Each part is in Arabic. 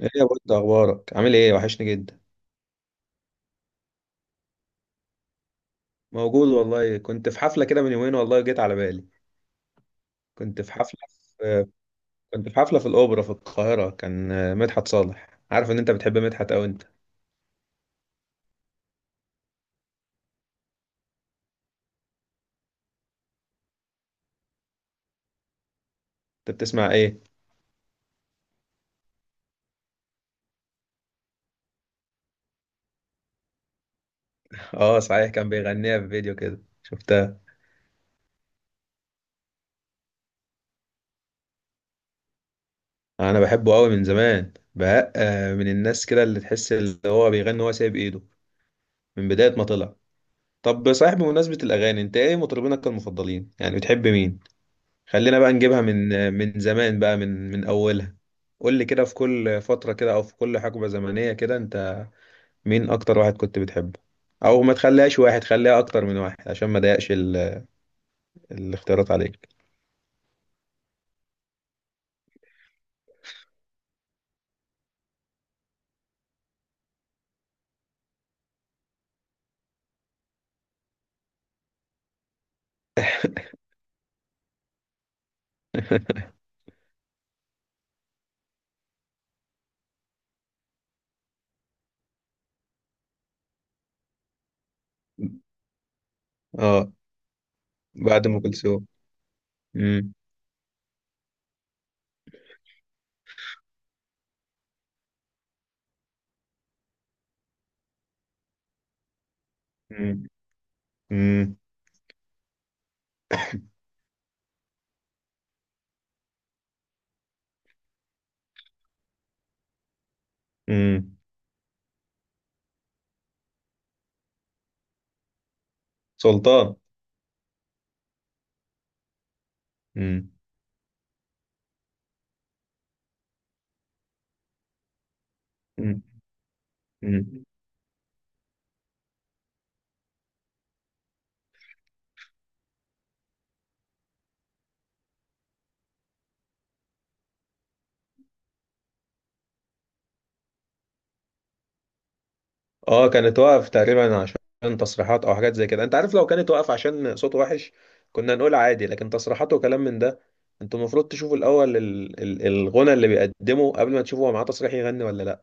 ايه يا بود، اخبارك؟ عامل ايه؟ وحشني جدا. موجود والله، كنت في حفله كده من يومين، والله جيت على بالي. كنت في حفله في... كنت في حفله في الاوبرا في القاهره، كان مدحت صالح. عارف ان انت بتحب مدحت؟ او انت... انت بتسمع ايه؟ اه صحيح، كان بيغنيها في فيديو كده شفتها. انا بحبه قوي من زمان بقى، من الناس كده اللي تحس اللي هو بيغني وهو سايب ايده من بدايه ما طلع. طب صحيح، بمناسبه الاغاني، انت ايه مطربينك المفضلين؟ يعني بتحب مين؟ خلينا بقى نجيبها من زمان بقى، من اولها. قول لي كده، في كل فترة كده او في كل حقبة زمنية كده، انت مين اكتر واحد كنت بتحبه؟ او ما تخليهاش واحد، خليها اكتر من واحد عشان ما ضايقش الاختيارات عليك. اه، بعد ام كلثوم. امم. امم. امم. أمم. سلطان. امم. امم. اه، كانت واقف تقريبا عشان تصريحات او حاجات زي كده، انت عارف، لو كانت واقف عشان صوته وحش كنا نقول عادي، لكن تصريحات وكلام من ده. انتوا المفروض تشوفوا الاول الغنى اللي بيقدمه، قبل ما تشوفوا هو معاه تصريح يغني ولا لا.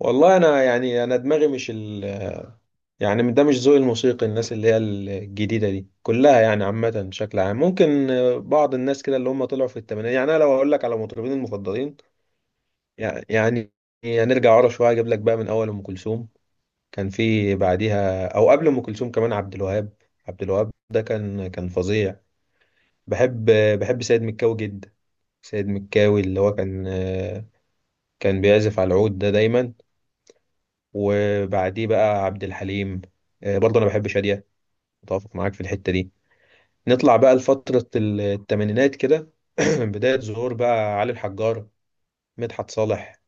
والله انا، يعني انا دماغي مش ال... يعني ده مش ذوقي الموسيقي. الناس اللي هي الجديده دي كلها يعني عامه بشكل عام، ممكن بعض الناس كده اللي هم طلعوا في الثمانينات. يعني انا لو اقول لك على مطربين المفضلين، يعني هنرجع ورا شويه، اجيب لك بقى من اول ام كلثوم. كان في بعديها او قبل ام كلثوم كمان عبد الوهاب. عبد الوهاب ده كان فظيع. بحب بحب سيد مكاوي جدا. سيد مكاوي اللي هو كان بيعزف على العود ده دايما. وبعديه بقى عبد الحليم. برضه انا بحب شادية، متفق معاك في الحتة دي. نطلع بقى لفترة الثمانينات كده. بداية ظهور بقى علي الحجار، مدحت صالح،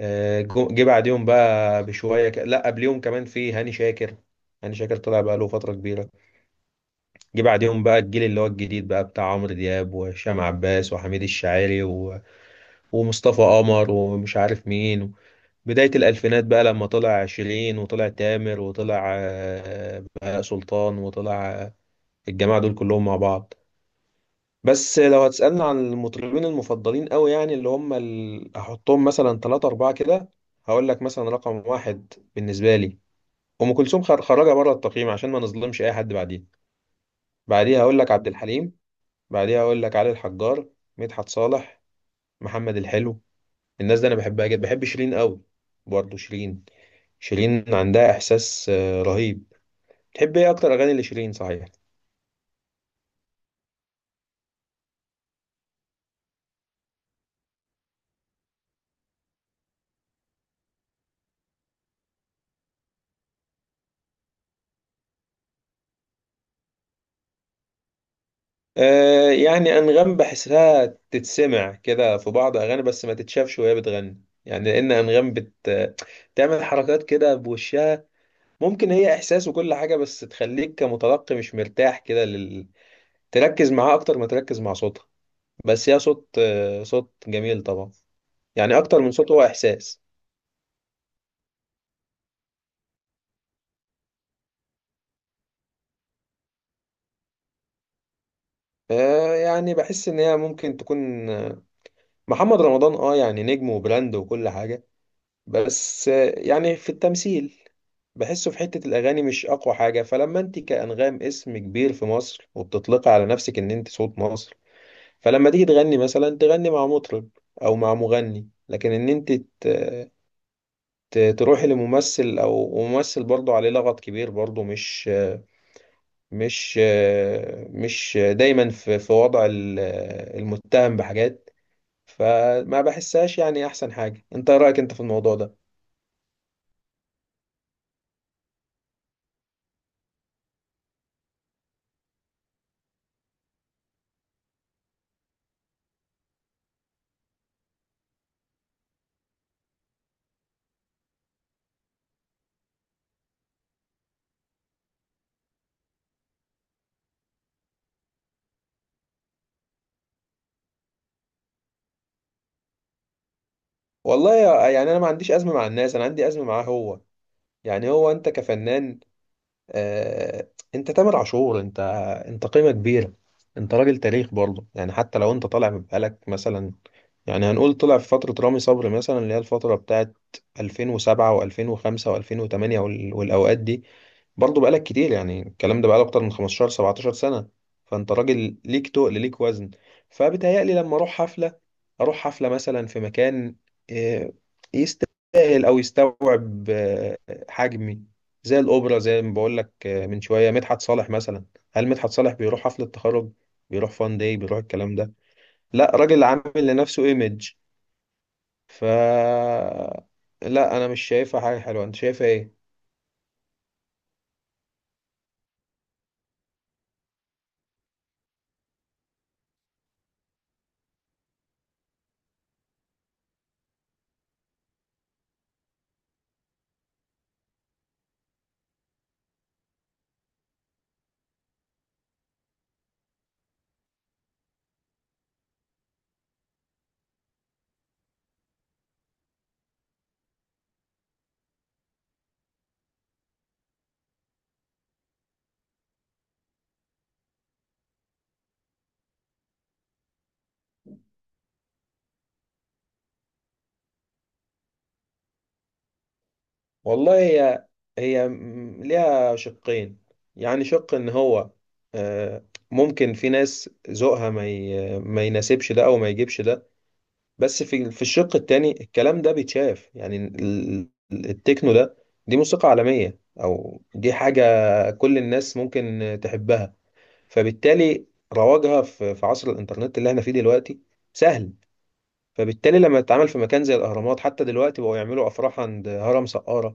جه بعديهم بقى بشوية لا، قبليهم كمان في هاني شاكر. هاني شاكر طلع بقى له فترة كبيرة. جه بعديهم بقى الجيل اللي هو الجديد بقى، بتاع عمرو دياب وهشام عباس وحميد الشاعري ومصطفى قمر ومش عارف مين. بداية الألفينات بقى، لما طلع عشرين وطلع تامر وطلع بهاء سلطان وطلع الجماعة دول كلهم مع بعض. بس لو هتسألني عن المطربين المفضلين قوي، يعني اللي هم هحطهم مثلا ثلاثة أربعة كده. هقول لك مثلا رقم واحد بالنسبة لي أم كلثوم، خرجها بره التقييم عشان ما نظلمش أي حد بعديها. بعديها هقول لك عبد الحليم، بعديها اقول لك علي الحجار، مدحت صالح، محمد الحلو. الناس دي انا بحبها جدا. بحب شيرين قوي، برضه شيرين، شيرين عندها احساس رهيب. تحب ايه اكتر اغاني لشيرين صحيح؟ آه يعني انغام بحسها تتسمع كده في بعض اغاني، بس ما تتشافش وهي بتغني، يعني لان انغام تعمل حركات كده بوشها. ممكن هي احساس وكل حاجه، بس تخليك كمتلقي مش مرتاح كده، تركز معاه اكتر ما تركز مع صوتها. بس هي صوت، صوت جميل طبعا، يعني اكتر من صوت هو احساس. يعني بحس ان هي ممكن تكون محمد رمضان، اه يعني نجم وبراند وكل حاجه، بس يعني في التمثيل بحسه في حته الاغاني مش اقوى حاجه. فلما انت كانغام اسم كبير في مصر وبتطلقي على نفسك ان انت صوت مصر، فلما تيجي تغني مثلا، تغني مع مطرب او مع مغني، لكن ان انت تروحي لممثل، او ممثل برضه عليه لغط كبير، برضه مش مش دايما في وضع المتهم بحاجات. فما بحسهاش، يعني احسن حاجه. انت إيه رايك انت في الموضوع ده؟ والله يعني انا ما عنديش ازمه مع الناس، انا عندي ازمه معاه هو. يعني هو انت كفنان، انت تامر عاشور، انت قيمه كبيره، انت راجل تاريخ برضه، يعني حتى لو انت طالع بقالك مثلا، يعني هنقول طلع في فتره رامي صبري مثلا، اللي هي الفتره بتاعت 2007 و2005 و2008 والاوقات دي. برضه بقالك كتير، يعني الكلام ده بقاله اكتر من 15 17 سنة. فانت راجل ليك تقل، ليك وزن. فبتهيألي لما اروح حفلة، اروح حفلة مثلا في مكان آه، يستاهل او يستوعب حجمي، زي الاوبرا. زي ما بقول لك من شوية مدحت صالح مثلا، هل مدحت صالح بيروح حفلة تخرج؟ بيروح فان داي؟ بيروح الكلام ده؟ لا، راجل عامل لنفسه ايمج. ف، لا انا مش شايفها حاجة حلوة، انت شايفها ايه؟ والله هي، ليها شقين. يعني شق ان هو آه، ممكن في ناس ذوقها ما يناسبش ده او ما يجيبش ده. بس في الشق التاني الكلام ده بيتشاف، يعني التكنو ده، دي موسيقى عالمية او دي حاجة كل الناس ممكن تحبها. فبالتالي رواجها في عصر الانترنت اللي احنا فيه دلوقتي سهل. فبالتالي لما تتعامل في مكان زي الاهرامات، حتى دلوقتي بقوا يعملوا افراح عند هرم سقارة،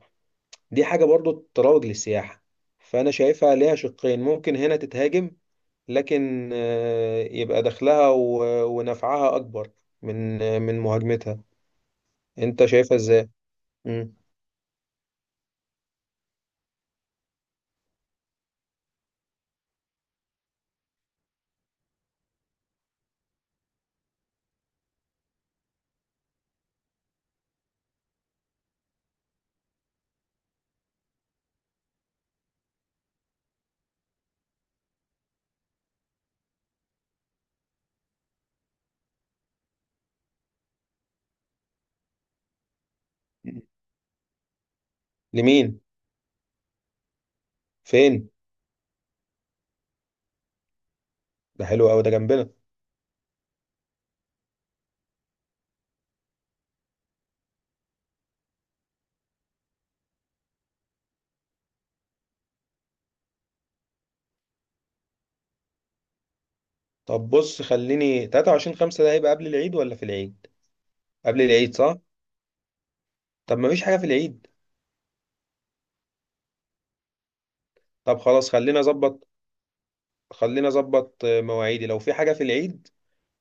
دي حاجة برضو تروج للسياحة. فأنا شايفها ليها شقين، ممكن هنا تتهاجم، لكن يبقى دخلها ونفعها أكبر من مهاجمتها. أنت شايفها إزاي؟ مم. لمين؟ فين؟ ده حلو أوي، ده جنبنا. طب بص، خليني 23/5 ده هيبقى قبل العيد ولا في العيد؟ قبل العيد صح؟ طب مفيش حاجة في العيد؟ طب خلاص، خلينا أظبط. خلينا أظبط مواعيدي، لو في حاجة في العيد،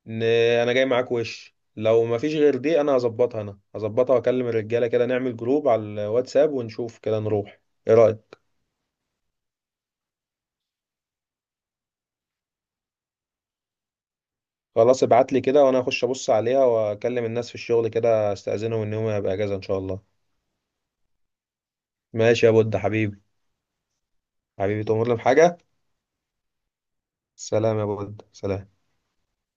ان انا جاي معاك. وش لو ما فيش غير دي، انا هظبطها، انا هظبطها، واكلم الرجاله كده، نعمل جروب على الواتساب ونشوف كده نروح. ايه رايك؟ خلاص، ابعت لي كده وانا اخش ابص عليها، واكلم الناس في الشغل كده استاذنهم ان هم يبقى اجازه ان شاء الله. ماشي يا بود حبيبي. حبيبي تؤمرني بحاجه؟ سلام يا بود، سلام.